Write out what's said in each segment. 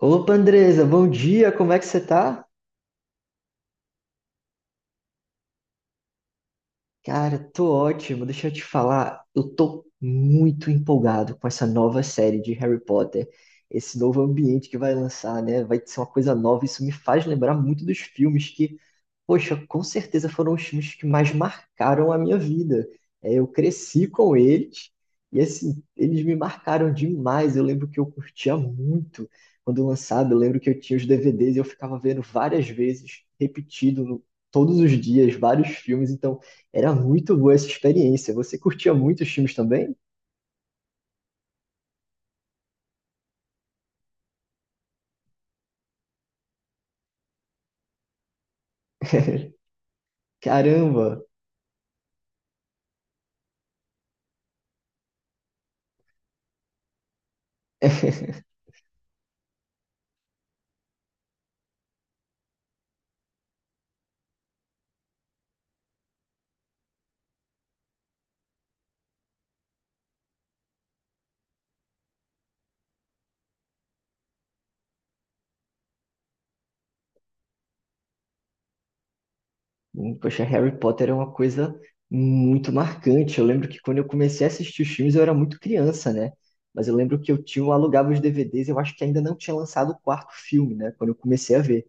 Opa, Andresa, bom dia, como é que você tá? Cara, tô ótimo. Deixa eu te falar, eu tô muito empolgado com essa nova série de Harry Potter, esse novo ambiente que vai lançar, né? Vai ser uma coisa nova. Isso me faz lembrar muito dos filmes que, poxa, com certeza foram os filmes que mais marcaram a minha vida. É, eu cresci com eles e, assim, eles me marcaram demais. Eu lembro que eu curtia muito quando lançado. Eu lembro que eu tinha os DVDs e eu ficava vendo várias vezes, repetido todos os dias, vários filmes. Então, era muito boa essa experiência. Você curtia muito os filmes também? Caramba! Poxa, Harry Potter é uma coisa muito marcante. Eu lembro que quando eu comecei a assistir os filmes, eu era muito criança, né? Mas eu lembro que eu alugava os DVDs, eu acho que ainda não tinha lançado o quarto filme, né? Quando eu comecei a ver.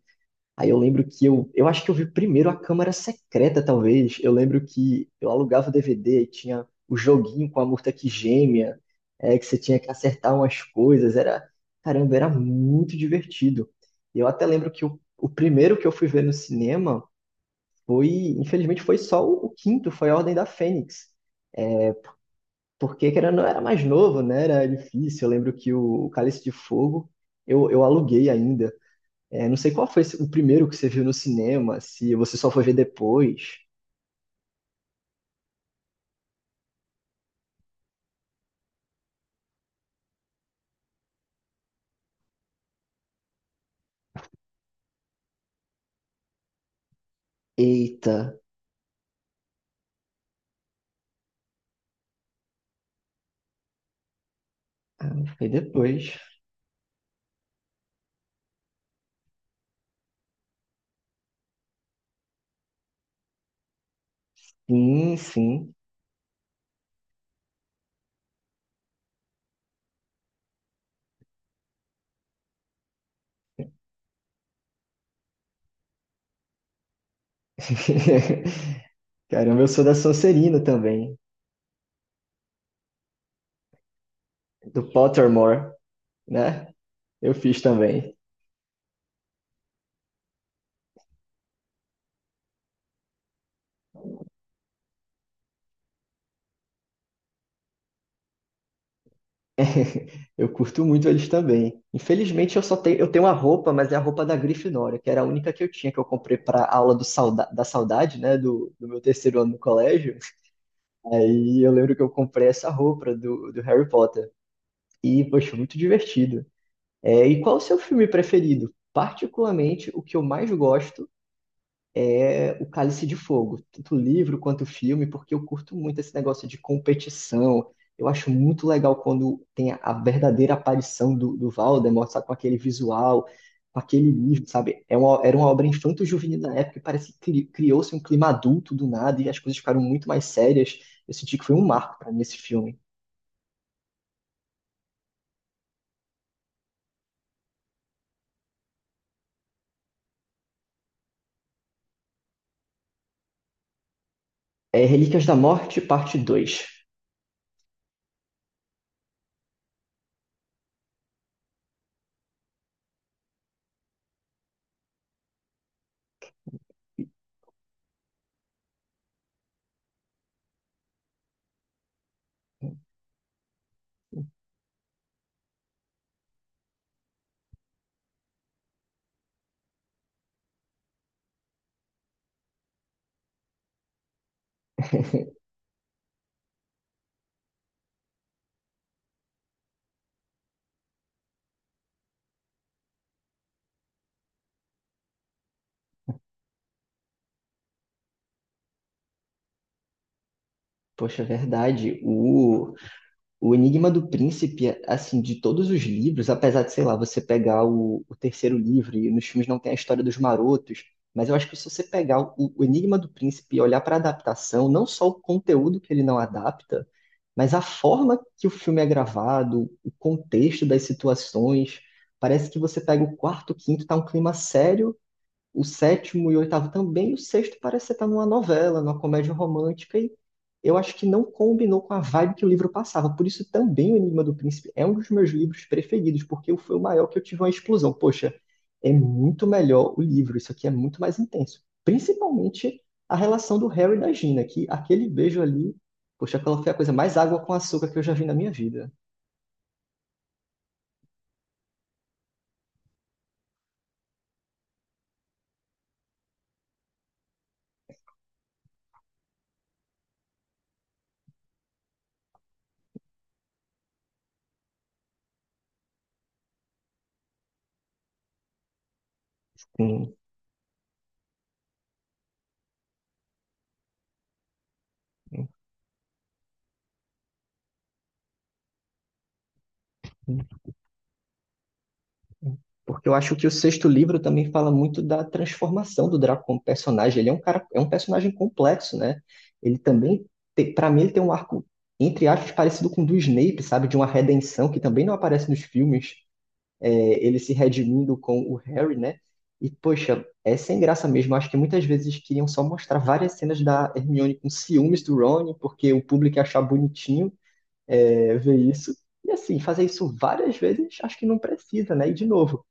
Aí eu lembro que eu acho que eu vi primeiro a Câmara Secreta, talvez. Eu lembro que eu alugava o DVD e tinha o joguinho com a Murta que gêmea, é, que você tinha que acertar umas coisas. Era, caramba, era muito divertido. E eu até lembro que o primeiro que eu fui ver no cinema foi, infelizmente, foi só o quinto, foi a Ordem da Fênix. Porque querendo, ou não, era mais novo, né? Era difícil. Eu lembro que o Cálice de Fogo eu aluguei ainda. É, não sei qual foi esse- o primeiro que você viu no cinema, se você só foi ver depois. Eita, foi depois. Sim, sim. Caramba, eu sou da Sonserina também, do Pottermore, né? Eu fiz também. Eu curto muito eles também. Infelizmente, eu tenho uma roupa, mas é a roupa da Grifinória, que era a única que eu tinha, que eu comprei para aula do sauda da saudade, né? Do meu terceiro ano no colégio. Aí eu lembro que eu comprei essa roupa do Harry Potter. E, poxa, muito divertido. É, e qual o seu filme preferido? Particularmente, o que eu mais gosto é O Cálice de Fogo, tanto o livro quanto o filme, porque eu curto muito esse negócio de competição. Eu acho muito legal quando tem a verdadeira aparição do Voldemort, sabe, com aquele visual, com aquele livro, sabe? Era uma obra infanto-juvenil da época e parece que criou-se um clima adulto do nada e as coisas ficaram muito mais sérias. Eu senti que foi um marco para mim esse filme. É Relíquias da Morte, parte dois. Poxa, é verdade. O Enigma do Príncipe, assim, de todos os livros, apesar de, sei lá, você pegar o terceiro livro e nos filmes não tem a história dos marotos, mas eu acho que se você pegar o Enigma do Príncipe e olhar para a adaptação, não só o conteúdo que ele não adapta, mas a forma que o filme é gravado, o contexto das situações, parece que você pega o quarto, o quinto, tá um clima sério, o sétimo e o oitavo também, e o sexto parece estar numa novela, numa comédia romântica, e eu acho que não combinou com a vibe que o livro passava. Por isso também o Enigma do Príncipe é um dos meus livros preferidos, porque foi o maior que eu tive uma explosão. Poxa, é muito melhor o livro, isso aqui é muito mais intenso. Principalmente a relação do Harry e da Gina, que aquele beijo ali, poxa, aquela foi a coisa mais água com açúcar que eu já vi na minha vida. Hum. Porque eu acho que o sexto livro também fala muito da transformação do Draco como personagem. Ele é um cara, é um personagem complexo, né? Ele também, para mim, ele tem um arco, entre aspas, parecido com o do Snape, sabe? De uma redenção que também não aparece nos filmes. É, ele se redimindo com o Harry, né? E, poxa, é sem graça mesmo. Acho que muitas vezes queriam só mostrar várias cenas da Hermione com ciúmes do Ron, porque o público ia achar bonitinho ver isso. E assim, fazer isso várias vezes, acho que não precisa, né? E de novo,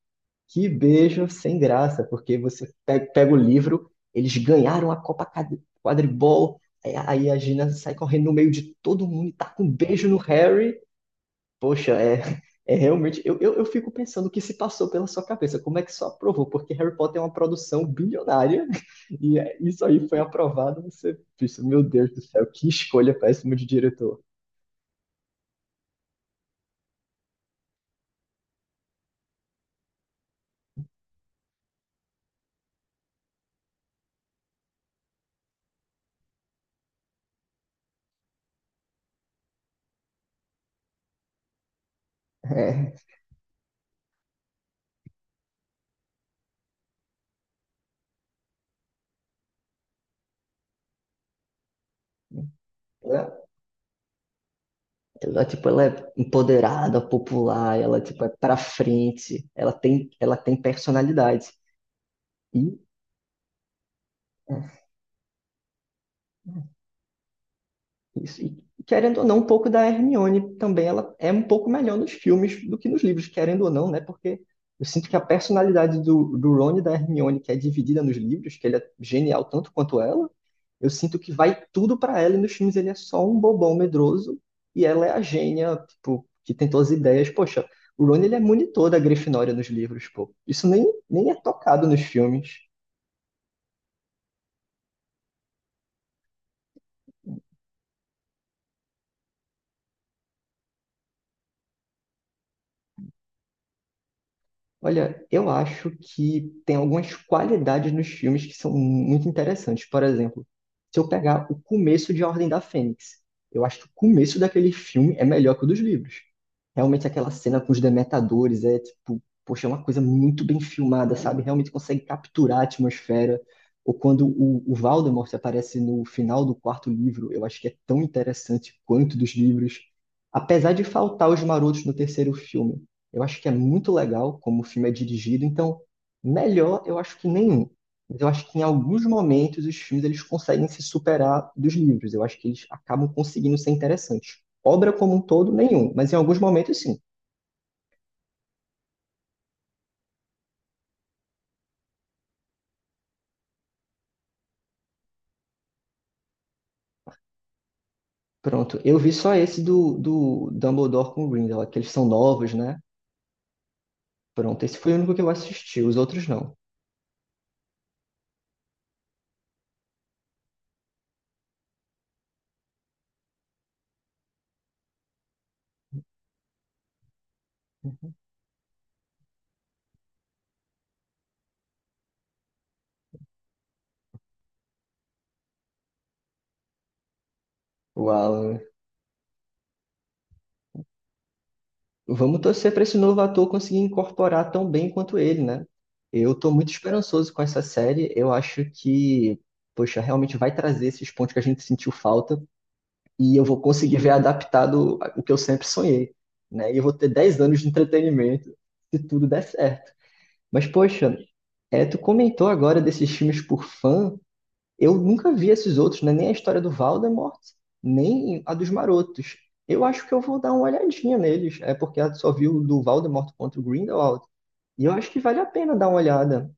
que beijo sem graça, porque você pega o livro, eles ganharam a Copa Quadribol, aí a Gina sai correndo no meio de todo mundo e tá com um beijo no Harry. Poxa, é, é realmente. Eu fico pensando o que se passou pela sua cabeça, como é que isso aprovou? Porque Harry Potter é uma produção bilionária e é, isso aí foi aprovado. Você pensa, meu Deus do céu, que escolha péssima de diretor. É. Ela, tipo, ela é empoderada, popular, ela, tipo, é pra frente, ela tem personalidade. E é, isso. E querendo ou não, um pouco da Hermione também, ela é um pouco melhor nos filmes do que nos livros, querendo ou não, né? Porque eu sinto que a personalidade do Ron e da Hermione, que é dividida nos livros, que ele é genial tanto quanto ela, eu sinto que vai tudo pra ela e nos filmes ele é só um bobão medroso e ela é a gênia, tipo, que tem todas as ideias. Poxa, o Ron ele é monitor da Grifinória nos livros, pô. Isso nem é tocado nos filmes. Olha, eu acho que tem algumas qualidades nos filmes que são muito interessantes. Por exemplo, se eu pegar o começo de A Ordem da Fênix, eu acho que o começo daquele filme é melhor que o dos livros. Realmente aquela cena com os demetadores é tipo, poxa, é uma coisa muito bem filmada, sabe? Realmente consegue capturar a atmosfera. Ou quando o Voldemort aparece no final do quarto livro, eu acho que é tão interessante quanto dos livros. Apesar de faltar os marotos no terceiro filme. Eu acho que é muito legal como o filme é dirigido, então melhor eu acho que nenhum. Mas eu acho que em alguns momentos os filmes eles conseguem se superar dos livros. Eu acho que eles acabam conseguindo ser interessantes. Obra como um todo, nenhum, mas em alguns momentos sim. Pronto, eu vi só esse do Dumbledore com Grindelwald, que eles são novos, né? Pronto, esse foi o único que eu assisti, os outros não. Uau, vamos torcer para esse novo ator conseguir incorporar tão bem quanto ele, né? Eu estou muito esperançoso com essa série. Eu acho que, poxa, realmente vai trazer esses pontos que a gente sentiu falta e eu vou conseguir ver adaptado o que eu sempre sonhei, né? E eu vou ter 10 anos de entretenimento se tudo der certo. Mas, poxa, tu comentou agora desses filmes por fã. Eu nunca vi esses outros, né? Nem a história do Voldemort, nem a dos Marotos. Eu acho que eu vou dar uma olhadinha neles, é porque eu só vi o do Voldemort contra o Grindelwald. E eu acho que vale a pena dar uma olhada.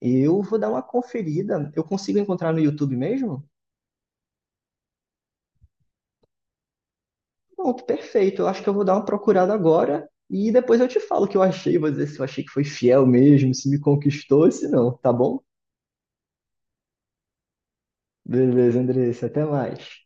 Eu vou dar uma conferida. Eu consigo encontrar no YouTube mesmo? Pronto, perfeito. Eu acho que eu vou dar uma procurada agora e depois eu te falo o que eu achei. Vou dizer se eu achei que foi fiel mesmo, se me conquistou, se não, tá bom? Beleza, Andressa, até mais.